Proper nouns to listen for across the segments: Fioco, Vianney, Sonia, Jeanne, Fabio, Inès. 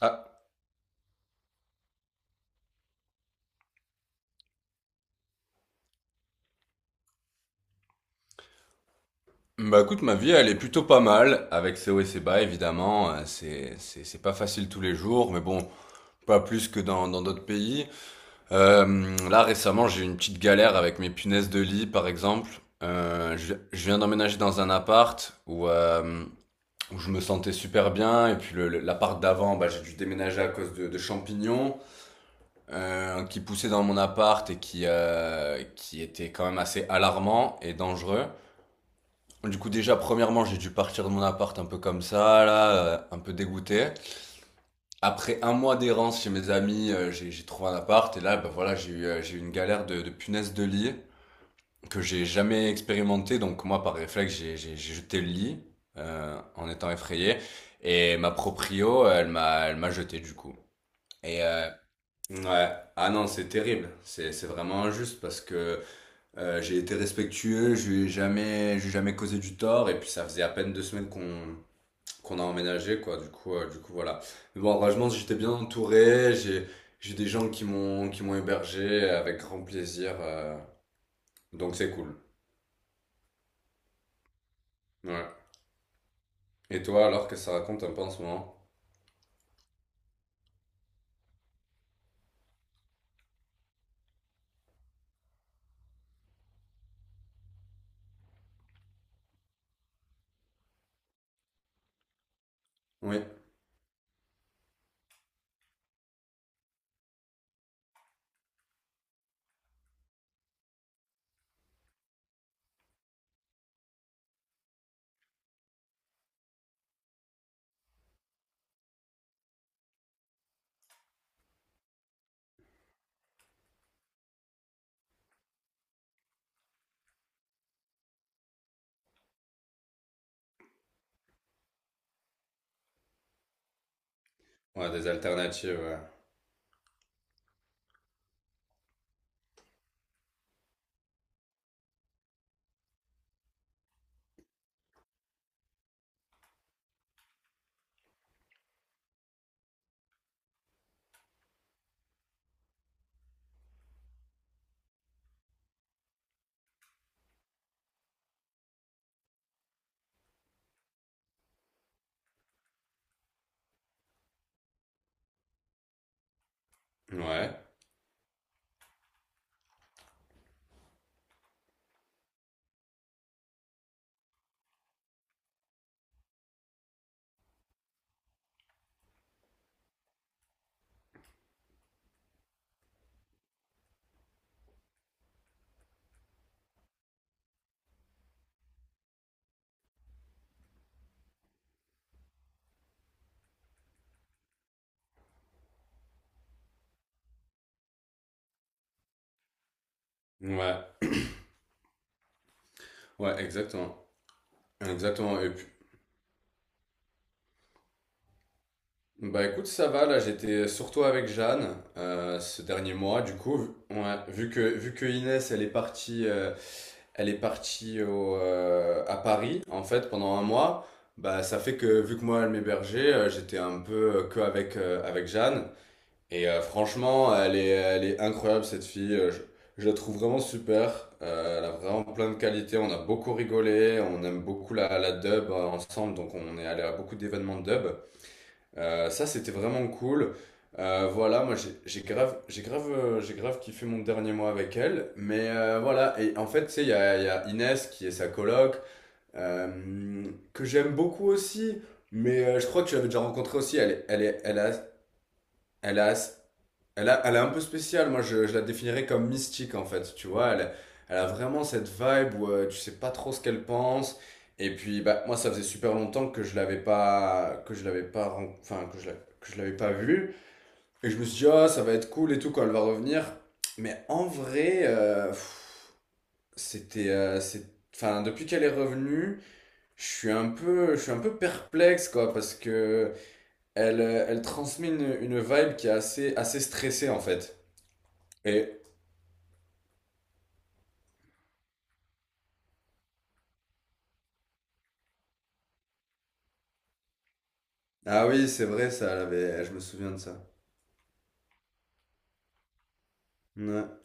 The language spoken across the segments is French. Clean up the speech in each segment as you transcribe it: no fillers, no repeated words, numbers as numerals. Ah, bah écoute, ma vie, elle est plutôt pas mal, avec ses hauts et ses bas, évidemment. C'est, c'est pas facile tous les jours, mais bon, pas plus que dans d'autres pays. Là, récemment, j'ai eu une petite galère avec mes punaises de lit, par exemple. Je viens d'emménager dans un appart où, où je me sentais super bien, et puis l'appart d'avant, bah, j'ai dû déménager à cause de champignons qui poussaient dans mon appart et qui étaient quand même assez alarmants et dangereux. Du coup, déjà, premièrement, j'ai dû partir de mon appart un peu comme ça, là, un peu dégoûté. Après un mois d'errance chez mes amis, j'ai trouvé un appart et là, bah voilà, j'ai eu une galère de punaise de lit que j'ai jamais expérimenté. Donc moi, par réflexe, j'ai jeté le lit en étant effrayé. Et ma proprio, elle m'a jeté du coup. Et ouais, ah non, c'est terrible. C'est vraiment injuste parce que j'ai été respectueux, je lui ai jamais causé du tort et puis ça faisait à peine deux semaines qu'on a emménagé, quoi. Du coup, voilà. Mais bon, franchement j'étais bien entouré. J'ai des gens qui m'ont hébergé avec grand plaisir. Donc c'est cool. Ouais. Et toi, alors, qu'est-ce que ça raconte un peu en ce moment? Oui. Ouais, des alternatives, ouais. Ouais. Ouais. Ouais, exactement. Exactement. Et puis, bah écoute, ça va, là j'étais surtout avec Jeanne ce dernier mois, du coup, vu, ouais, vu que Inès elle est partie à Paris en fait pendant un mois, bah ça fait que vu que moi elle m'hébergeait, j'étais un peu que avec Jeanne. Et franchement, elle est incroyable cette fille. Je la trouve vraiment super. Elle a vraiment plein de qualités, on a beaucoup rigolé, on aime beaucoup la dub ensemble, donc on est allé à beaucoup d'événements de dub. Ça, c'était vraiment cool. Voilà, moi j'ai grave kiffé mon dernier mois avec elle. Mais voilà, et en fait, tu sais, il y a Inès qui est sa coloc, euh, que j'aime beaucoup aussi. Mais je crois que je l'avais déjà rencontrée aussi. Elle, est- elle, est- elle a, elle a, elle, a- Elle est un peu spéciale. Je la définirais comme mystique en fait, tu vois, elle, elle a vraiment cette vibe où tu sais pas trop ce qu'elle pense, et puis bah, moi ça faisait super longtemps que je l'avais pas, que je l'avais pas, ren- enfin que je la- que je l'avais pas vue, et je me suis dit ah ça va être cool et tout quand elle va revenir, mais en vrai, c'était, euh, c'est, enfin depuis qu'elle est revenue, je suis un peu perplexe quoi, parce que elle, elle transmet une vibe qui est assez stressée en fait. Et ah oui, c'est vrai, ça, elle avait... je me souviens de ça. Ouais.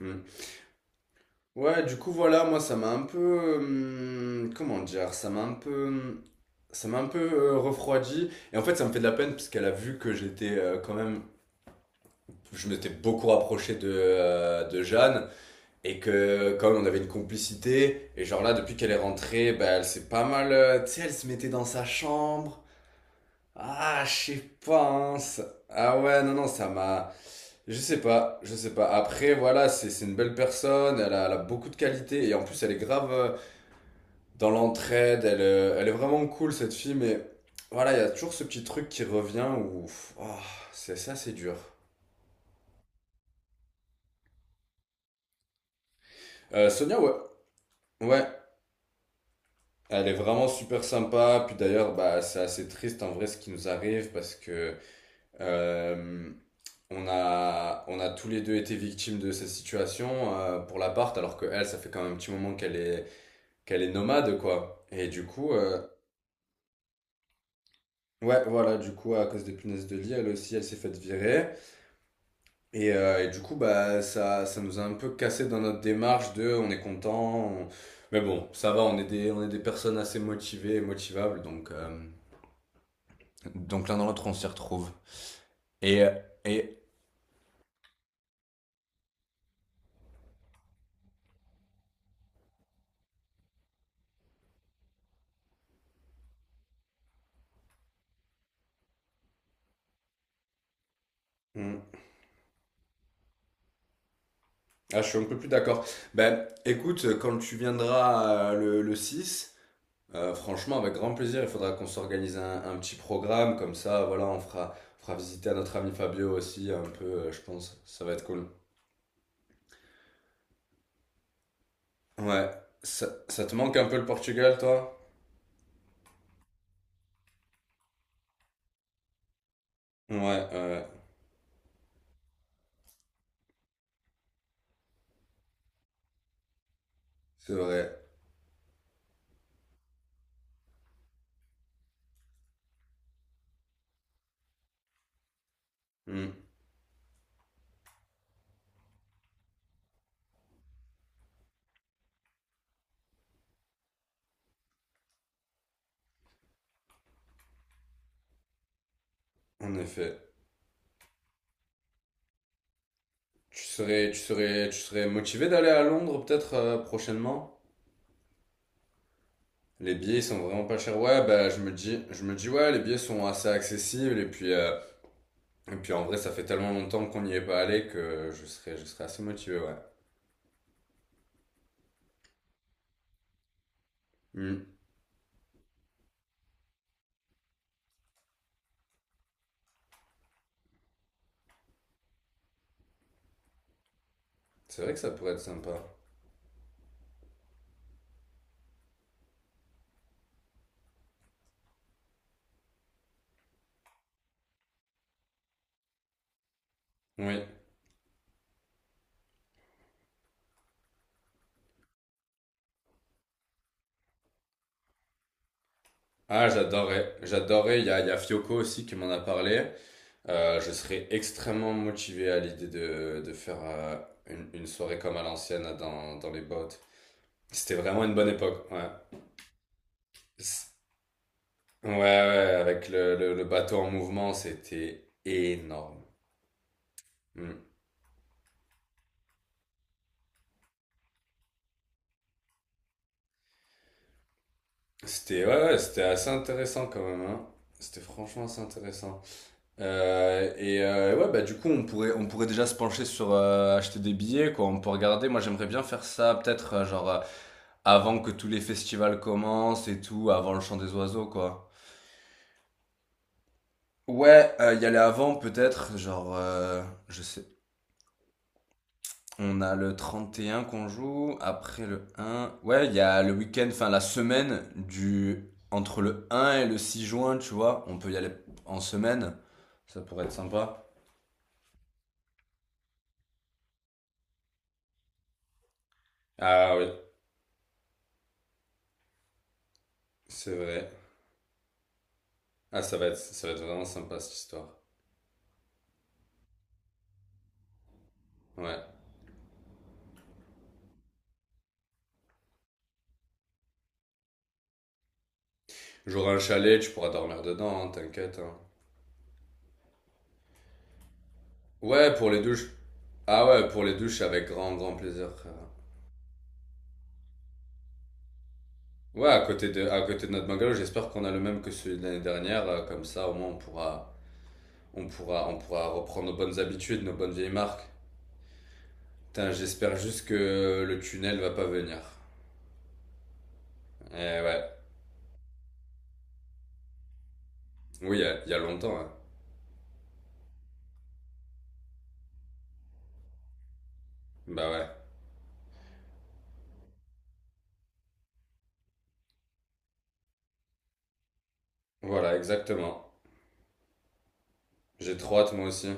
Mm. Ouais, du coup, voilà, moi, ça m'a un peu... comment dire? Ça m'a un peu... ça m'a un peu refroidi. Et en fait, ça me fait de la peine parce qu'elle a vu que j'étais quand même... Je m'étais beaucoup rapproché de Jeanne et que quand même on avait une complicité. Et genre là, depuis qu'elle est rentrée, bah, elle s'est pas mal... tu sais, elle se mettait dans sa chambre. Ah, je sais pas, hein, ça- Ah ouais, non, non, ça m'a... Je sais pas, je sais pas. Après, voilà, c'est une belle personne, elle a beaucoup de qualités, et en plus, elle est grave dans l'entraide, elle, elle est vraiment cool, cette fille, mais voilà, il y a toujours ce petit truc qui revient où... pff, ah, c'est ça, c'est dur. Sonia, ouais, ouais, elle est vraiment super sympa, puis d'ailleurs, bah, c'est assez triste en vrai ce qui nous arrive, parce que... Euh, on a tous les deux été victimes de cette situation pour l'appart, alors que elle, ça fait quand même un petit moment qu'elle est nomade, quoi. Ouais, voilà, du coup, à cause des punaises de lit, elle aussi, elle s'est faite virer. Et du coup, bah, ça nous a un peu cassé dans notre démarche de on est content. On- Mais bon, ça va, on est des personnes assez motivées et motivables, donc l'un dans l'autre, on s'y retrouve. Et, et ah, je suis un peu plus d'accord. Ben, écoute, quand tu viendras le 6, franchement, avec grand plaisir, il faudra qu'on s'organise un petit programme, comme ça, voilà, on fera visiter à notre ami Fabio aussi, un peu, je pense. Ça va être cool. Ouais, ça te manque un peu le Portugal, toi? Ouais, ouais, ouais, c'est vrai. Hmm, en effet. Tu serais motivé d'aller à Londres, peut-être, prochainement? Les billets ils sont vraiment pas chers. Ouais, bah, je me dis, ouais, les billets sont assez accessibles, et puis, et puis en vrai, ça fait tellement longtemps qu'on n'y est pas allé que je serais assez motivé, ouais. Hmm. C'est vrai que ça pourrait être sympa. Oui. Ah, j'adorerais. J'adorerais. Il y a Fioco aussi qui m'en a parlé. Je serais extrêmement motivé à l'idée de faire une soirée comme à l'ancienne là, dans les bottes. C'était vraiment une bonne époque, ouais. C- Ouais, ouais, avec le bateau en mouvement, c'était énorme. Hmm. C'était, ouais, ouais, c'était assez intéressant quand même, hein. C'était franchement assez intéressant. Ouais, bah du coup, on pourrait déjà se pencher sur acheter des billets, quoi. On peut regarder. Moi, j'aimerais bien faire ça, peut-être, avant que tous les festivals commencent et tout, avant le chant des oiseaux, quoi. Ouais, y aller avant, peut-être, je sais. On a le 31 qu'on joue, après le un. Ouais, il y a le week-end, enfin, la semaine du. Entre le un et le 6 juin, tu vois. On peut y aller en semaine. Ça pourrait être sympa. Ah oui, c'est vrai. Ah, ça va être vraiment sympa cette histoire. Ouais. J'aurai un chalet, tu pourras dormir dedans, hein, t'inquiète, hein. Ouais, pour les douches. Ah ouais, pour les douches, avec grand, grand plaisir, frère. Ouais, à côté de notre bungalow, j'espère qu'on a le même que celui de l'année dernière. Comme ça, au moins, on pourra reprendre nos bonnes habitudes, nos bonnes vieilles marques. Putain, j'espère juste que le tunnel va pas venir. Eh ouais. Oui, il y a longtemps, hein. Bah ouais. Voilà, exactement. J'ai trop hâte, moi aussi.